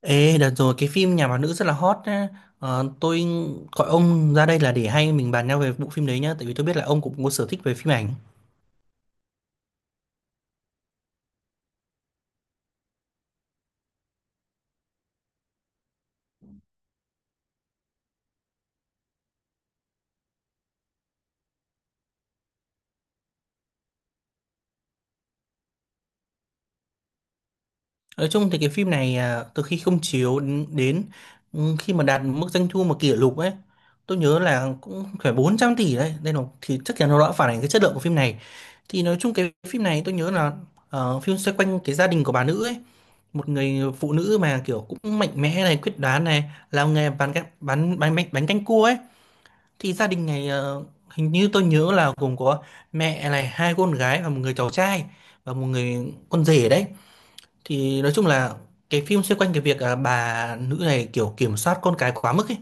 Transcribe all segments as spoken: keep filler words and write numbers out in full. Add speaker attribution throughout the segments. Speaker 1: Ê, đợt rồi cái phim Nhà bà nữ rất là hot nhá. Ờ, tôi gọi ông ra đây là để hay mình bàn nhau về bộ phim đấy nhá, tại vì tôi biết là ông cũng có sở thích về phim ảnh. Nói chung thì cái phim này à, từ khi không chiếu đến, đến ừ, khi mà đạt mức doanh thu mà kỷ lục ấy, tôi nhớ là cũng phải bốn trăm tỷ đấy. Đây là thì chắc chắn nó đã phản ánh cái chất lượng của phim này. Thì nói chung cái phim này tôi nhớ là ờ, phim xoay quanh cái gia đình của bà nữ ấy, một người phụ nữ mà kiểu cũng mạnh mẽ này, quyết đoán này, làm nghề bán bánh bánh bánh bánh canh cua ấy. Thì gia đình này ờ, hình như tôi nhớ là gồm có mẹ này, hai con gái và một người cháu trai và một người con rể đấy. Thì nói chung là cái phim xoay quanh cái việc à, bà nữ này kiểu kiểm soát con cái quá mức ấy,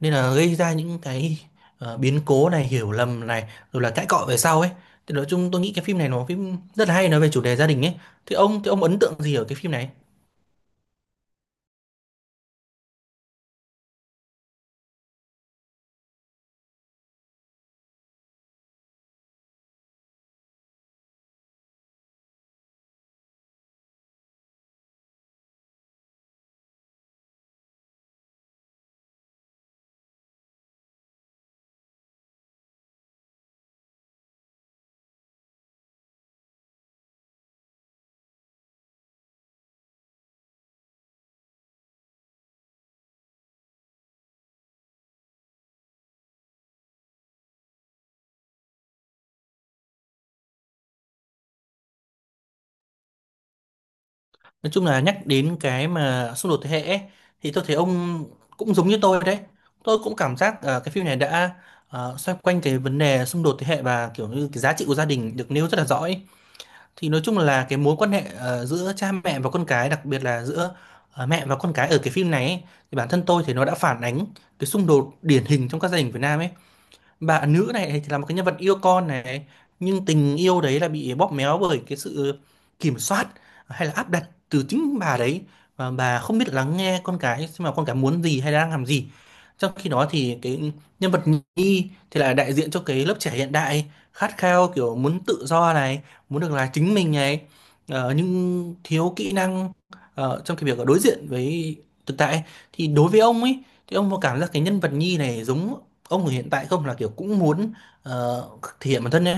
Speaker 1: nên là gây ra những cái ờ, biến cố này, hiểu lầm này, rồi là cãi cọ về sau ấy. Thì nói chung tôi nghĩ cái phim này nó phim rất là hay, nói về chủ đề gia đình ấy. Thì ông thì ông ấn tượng gì ở cái phim này? Nói chung là nhắc đến cái mà xung đột thế hệ ấy, thì tôi thấy ông cũng giống như tôi đấy. Tôi cũng cảm giác à, cái phim này đã à, xoay quanh cái vấn đề xung đột thế hệ và kiểu như cái giá trị của gia đình được nêu rất là rõ ấy. Thì nói chung là cái mối quan hệ à, giữa cha mẹ và con cái, đặc biệt là giữa à, mẹ và con cái ở cái phim này ấy, thì bản thân tôi thì nó đã phản ánh cái xung đột điển hình trong các gia đình Việt Nam ấy. Bà nữ này thì là một cái nhân vật yêu con này, nhưng tình yêu đấy là bị bóp méo bởi cái sự kiểm soát hay là áp đặt từ chính bà đấy, và bà không biết lắng nghe con cái xem mà con cái muốn gì hay đang làm gì. Trong khi đó thì cái nhân vật Nhi thì lại đại diện cho cái lớp trẻ hiện đại, khát khao kiểu muốn tự do này, muốn được là chính mình này, ờ, nhưng thiếu kỹ năng ờ, trong cái việc đối diện với thực tại. Thì đối với ông ấy, thì ông có cảm giác cái nhân vật Nhi này giống ông hiện tại không, là kiểu cũng muốn ờ, thể hiện bản thân nhé.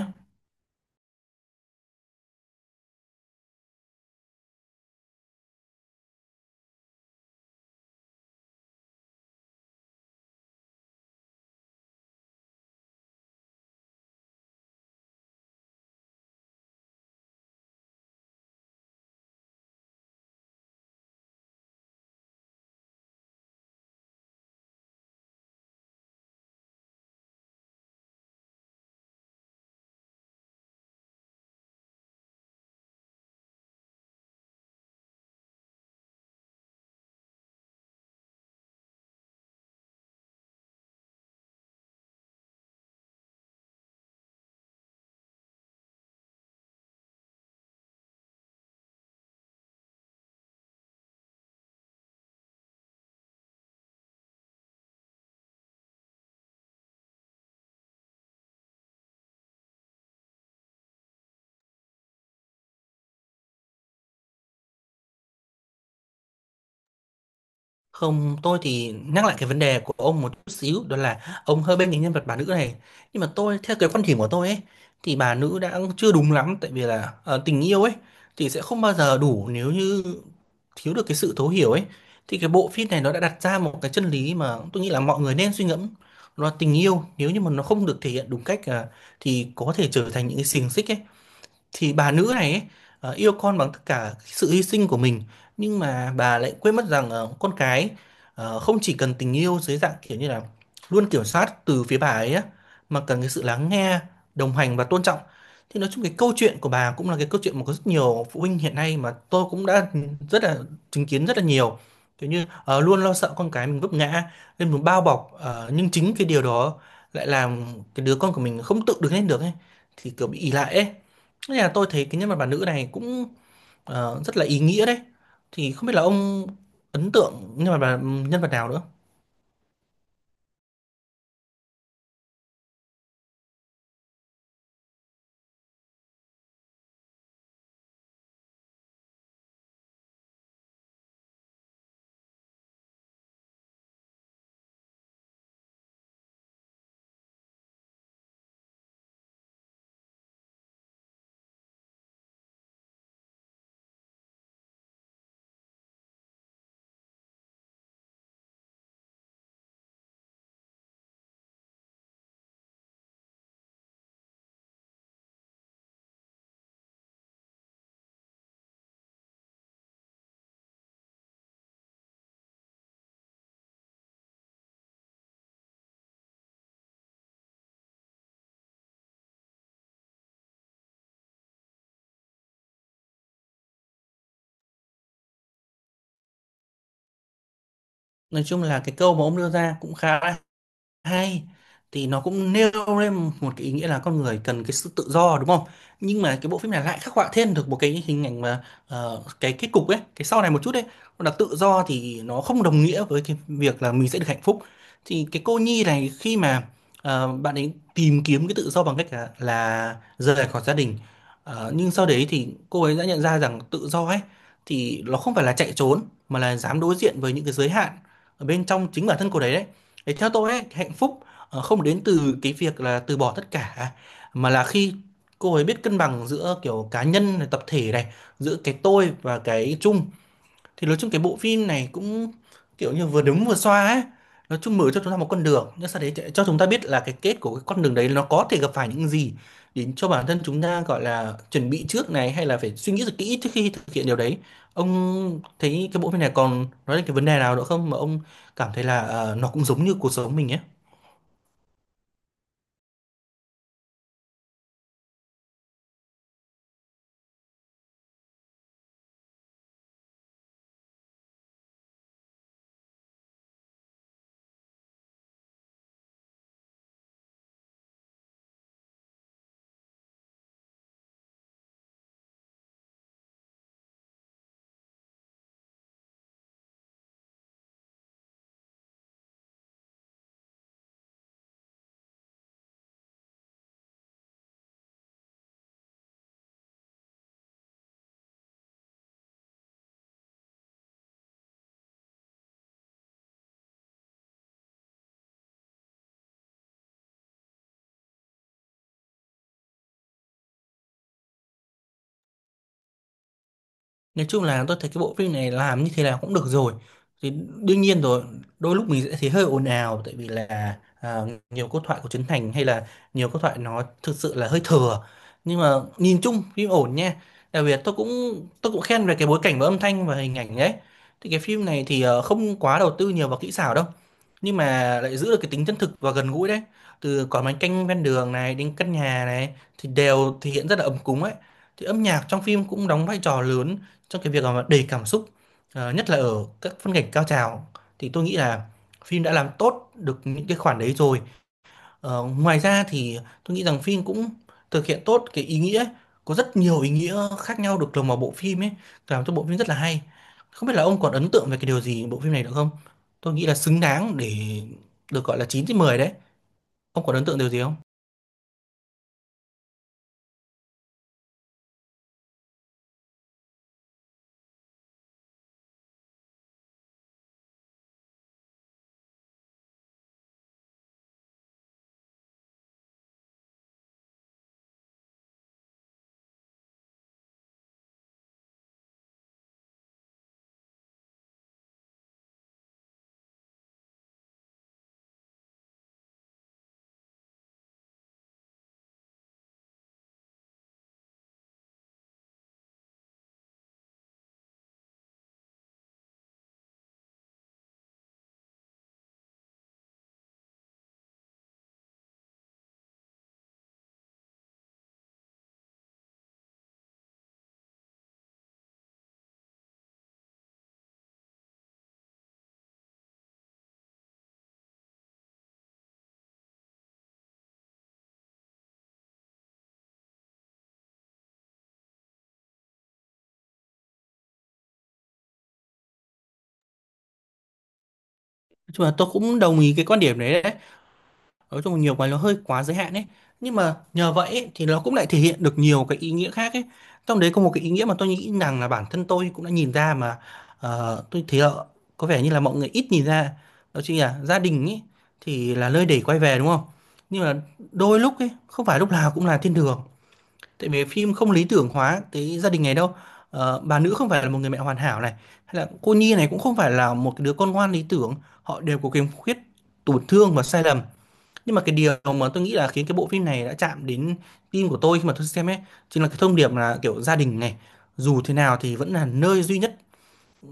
Speaker 1: Không, tôi thì nhắc lại cái vấn đề của ông một chút xíu, đó là ông hơi bên cái nhân vật bà nữ này, nhưng mà tôi theo cái quan điểm của tôi ấy, thì bà nữ đã chưa đúng lắm, tại vì là ờ, tình yêu ấy thì sẽ không bao giờ đủ nếu như thiếu được cái sự thấu hiểu ấy. Thì cái bộ phim này nó đã đặt ra một cái chân lý mà tôi nghĩ là mọi người nên suy ngẫm, đó là tình yêu nếu như mà nó không được thể hiện đúng cách à, thì có thể trở thành những cái xiềng xích ấy. Thì bà nữ này ấy, ờ, yêu con bằng tất cả cái sự hy sinh của mình, nhưng mà bà lại quên mất rằng ờ, con cái ờ, không chỉ cần tình yêu dưới dạng kiểu như là luôn kiểm soát từ phía bà ấy á, mà cần cái sự lắng nghe, đồng hành và tôn trọng. Thì nói chung cái câu chuyện của bà cũng là cái câu chuyện mà có rất nhiều phụ huynh hiện nay mà tôi cũng đã rất là chứng kiến rất là nhiều, kiểu như ờ, luôn lo sợ con cái mình vấp ngã, nên muốn bao bọc ờ, nhưng chính cái điều đó lại làm cái đứa con của mình không tự đứng lên được ấy, thì kiểu bị ỷ lại ấy. Thế là tôi thấy cái nhân vật bà nữ này cũng ờ, rất là ý nghĩa đấy. Thì không biết là ông ấn tượng nhân vật bà, nhân vật nào nữa. Nói chung là cái câu mà ông đưa ra cũng khá là hay, thì nó cũng nêu lên một cái ý nghĩa là con người cần cái sự tự do đúng không, nhưng mà cái bộ phim này lại khắc họa thêm được một cái hình ảnh mà ờ, cái kết cục ấy cái sau này một chút ấy, là tự do thì nó không đồng nghĩa với cái việc là mình sẽ được hạnh phúc. Thì cái cô Nhi này khi mà ờ, bạn ấy tìm kiếm cái tự do bằng cách là, là rời khỏi gia đình. Ờ, nhưng sau đấy thì cô ấy đã nhận ra rằng tự do ấy thì nó không phải là chạy trốn, mà là dám đối diện với những cái giới hạn ở bên trong chính bản thân cô đấy đấy. Thì theo tôi ấy, hạnh phúc ờ, không đến từ cái việc là từ bỏ tất cả, mà là khi cô ấy biết cân bằng giữa kiểu cá nhân này, tập thể này, giữa cái tôi và cái chung. Thì nói chung cái bộ phim này cũng kiểu như vừa đúng vừa xoa ấy, nói chung mở cho chúng ta một con đường, nhưng sau đấy cho cho chúng ta biết là cái kết của cái con đường đấy nó có thể gặp phải những gì, để cho bản thân chúng ta gọi là chuẩn bị trước này hay là phải suy nghĩ thật kỹ trước khi thực hiện điều đấy. Ông thấy cái bộ phim này còn nói đến cái vấn đề nào nữa không mà ông cảm thấy là ờ, nó cũng giống như cuộc sống mình ấy? Nói chung là tôi thấy cái bộ phim này làm như thế nào cũng được rồi. Thì đương nhiên rồi, đôi lúc mình sẽ thấy hơi ồn ào tại vì là à, nhiều câu thoại của Trấn Thành hay là nhiều câu thoại nó thực sự là hơi thừa. Nhưng mà nhìn chung phim ổn nha. Đặc biệt tôi cũng tôi cũng khen về cái bối cảnh và âm thanh và hình ảnh đấy. Thì cái phim này thì ờ, không quá đầu tư nhiều vào kỹ xảo đâu, nhưng mà lại giữ được cái tính chân thực và gần gũi đấy, từ quán bánh canh ven đường này đến căn nhà này thì đều thể hiện rất là ấm cúng ấy. Thì âm nhạc trong phim cũng đóng vai trò lớn trong cái việc mà đầy cảm xúc. Ờ, nhất là ở các phân cảnh cao trào, thì tôi nghĩ là phim đã làm tốt được những cái khoản đấy rồi. Ờ, ngoài ra thì tôi nghĩ rằng phim cũng thực hiện tốt cái ý nghĩa ấy. Có rất nhiều ý nghĩa khác nhau được lồng vào bộ phim ấy, làm cho bộ phim rất là hay. Không biết là ông còn ấn tượng về cái điều gì bộ phim này được không, tôi nghĩ là xứng đáng để được gọi là chín trên mười đấy. Ông còn ấn tượng điều gì không? Nói chung là tôi cũng đồng ý cái quan điểm đấy đấy. Nói chung nhiều cái nó hơi quá giới hạn ấy, nhưng mà nhờ vậy ấy, thì nó cũng lại thể hiện được nhiều cái ý nghĩa khác ấy. Trong đấy có một cái ý nghĩa mà tôi nghĩ rằng là bản thân tôi cũng đã nhìn ra mà ờ, tôi thấy là có vẻ như là mọi người ít nhìn ra, đó chính là gia đình ấy, thì là nơi để quay về đúng không. Nhưng mà đôi lúc ấy không phải lúc nào cũng là thiên đường, tại vì phim không lý tưởng hóa cái gia đình này đâu. Ờ, bà nữ không phải là một người mẹ hoàn hảo này, hay là cô Nhi này cũng không phải là một cái đứa con ngoan lý tưởng, họ đều có khiếm khuyết, tổn thương và sai lầm. Nhưng mà cái điều mà tôi nghĩ là khiến cái bộ phim này đã chạm đến tim của tôi khi mà tôi xem ấy, chính là cái thông điệp là kiểu gia đình này dù thế nào thì vẫn là nơi duy nhất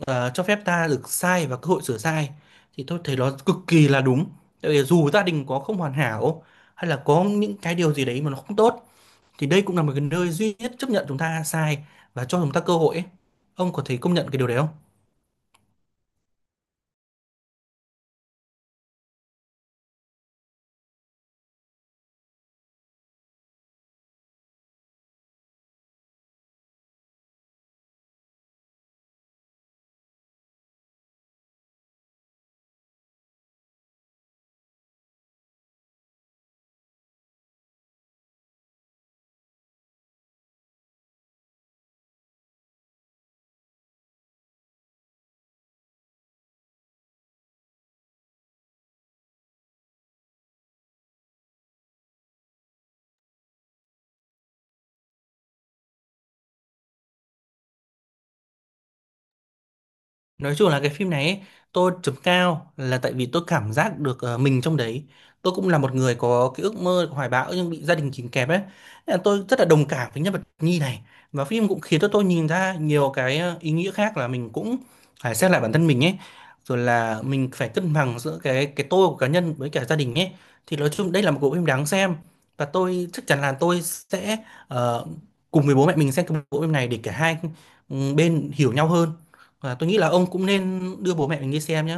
Speaker 1: ờ, cho phép ta được sai và cơ hội sửa sai. Thì tôi thấy nó cực kỳ là đúng, tại vì dù gia đình có không hoàn hảo, hay là có những cái điều gì đấy mà nó không tốt, thì đây cũng là một cái nơi duy nhất chấp nhận chúng ta sai và cho chúng ta cơ hội ấy. Ông có thấy công nhận cái điều đấy không? Nói chung là cái phim này ấy, tôi chấm cao là tại vì tôi cảm giác được ờ, mình trong đấy. Tôi cũng là một người có cái ước mơ hoài bão nhưng bị gia đình kìm kẹp ấy. Nên là tôi rất là đồng cảm với nhân vật Nhi này. Và phim cũng khiến cho tôi nhìn ra nhiều cái ờ, ý nghĩa khác là mình cũng phải xét lại bản thân mình ấy. Rồi là mình phải cân bằng giữa cái cái tôi của cá nhân với cả gia đình ấy. Thì nói chung đây là một bộ phim đáng xem. Và tôi chắc chắn là tôi sẽ ờ, cùng với bố mẹ mình xem cái bộ phim này để cả hai ừ, bên hiểu nhau hơn. Và tôi nghĩ là ông cũng nên đưa bố mẹ mình đi xem nhé.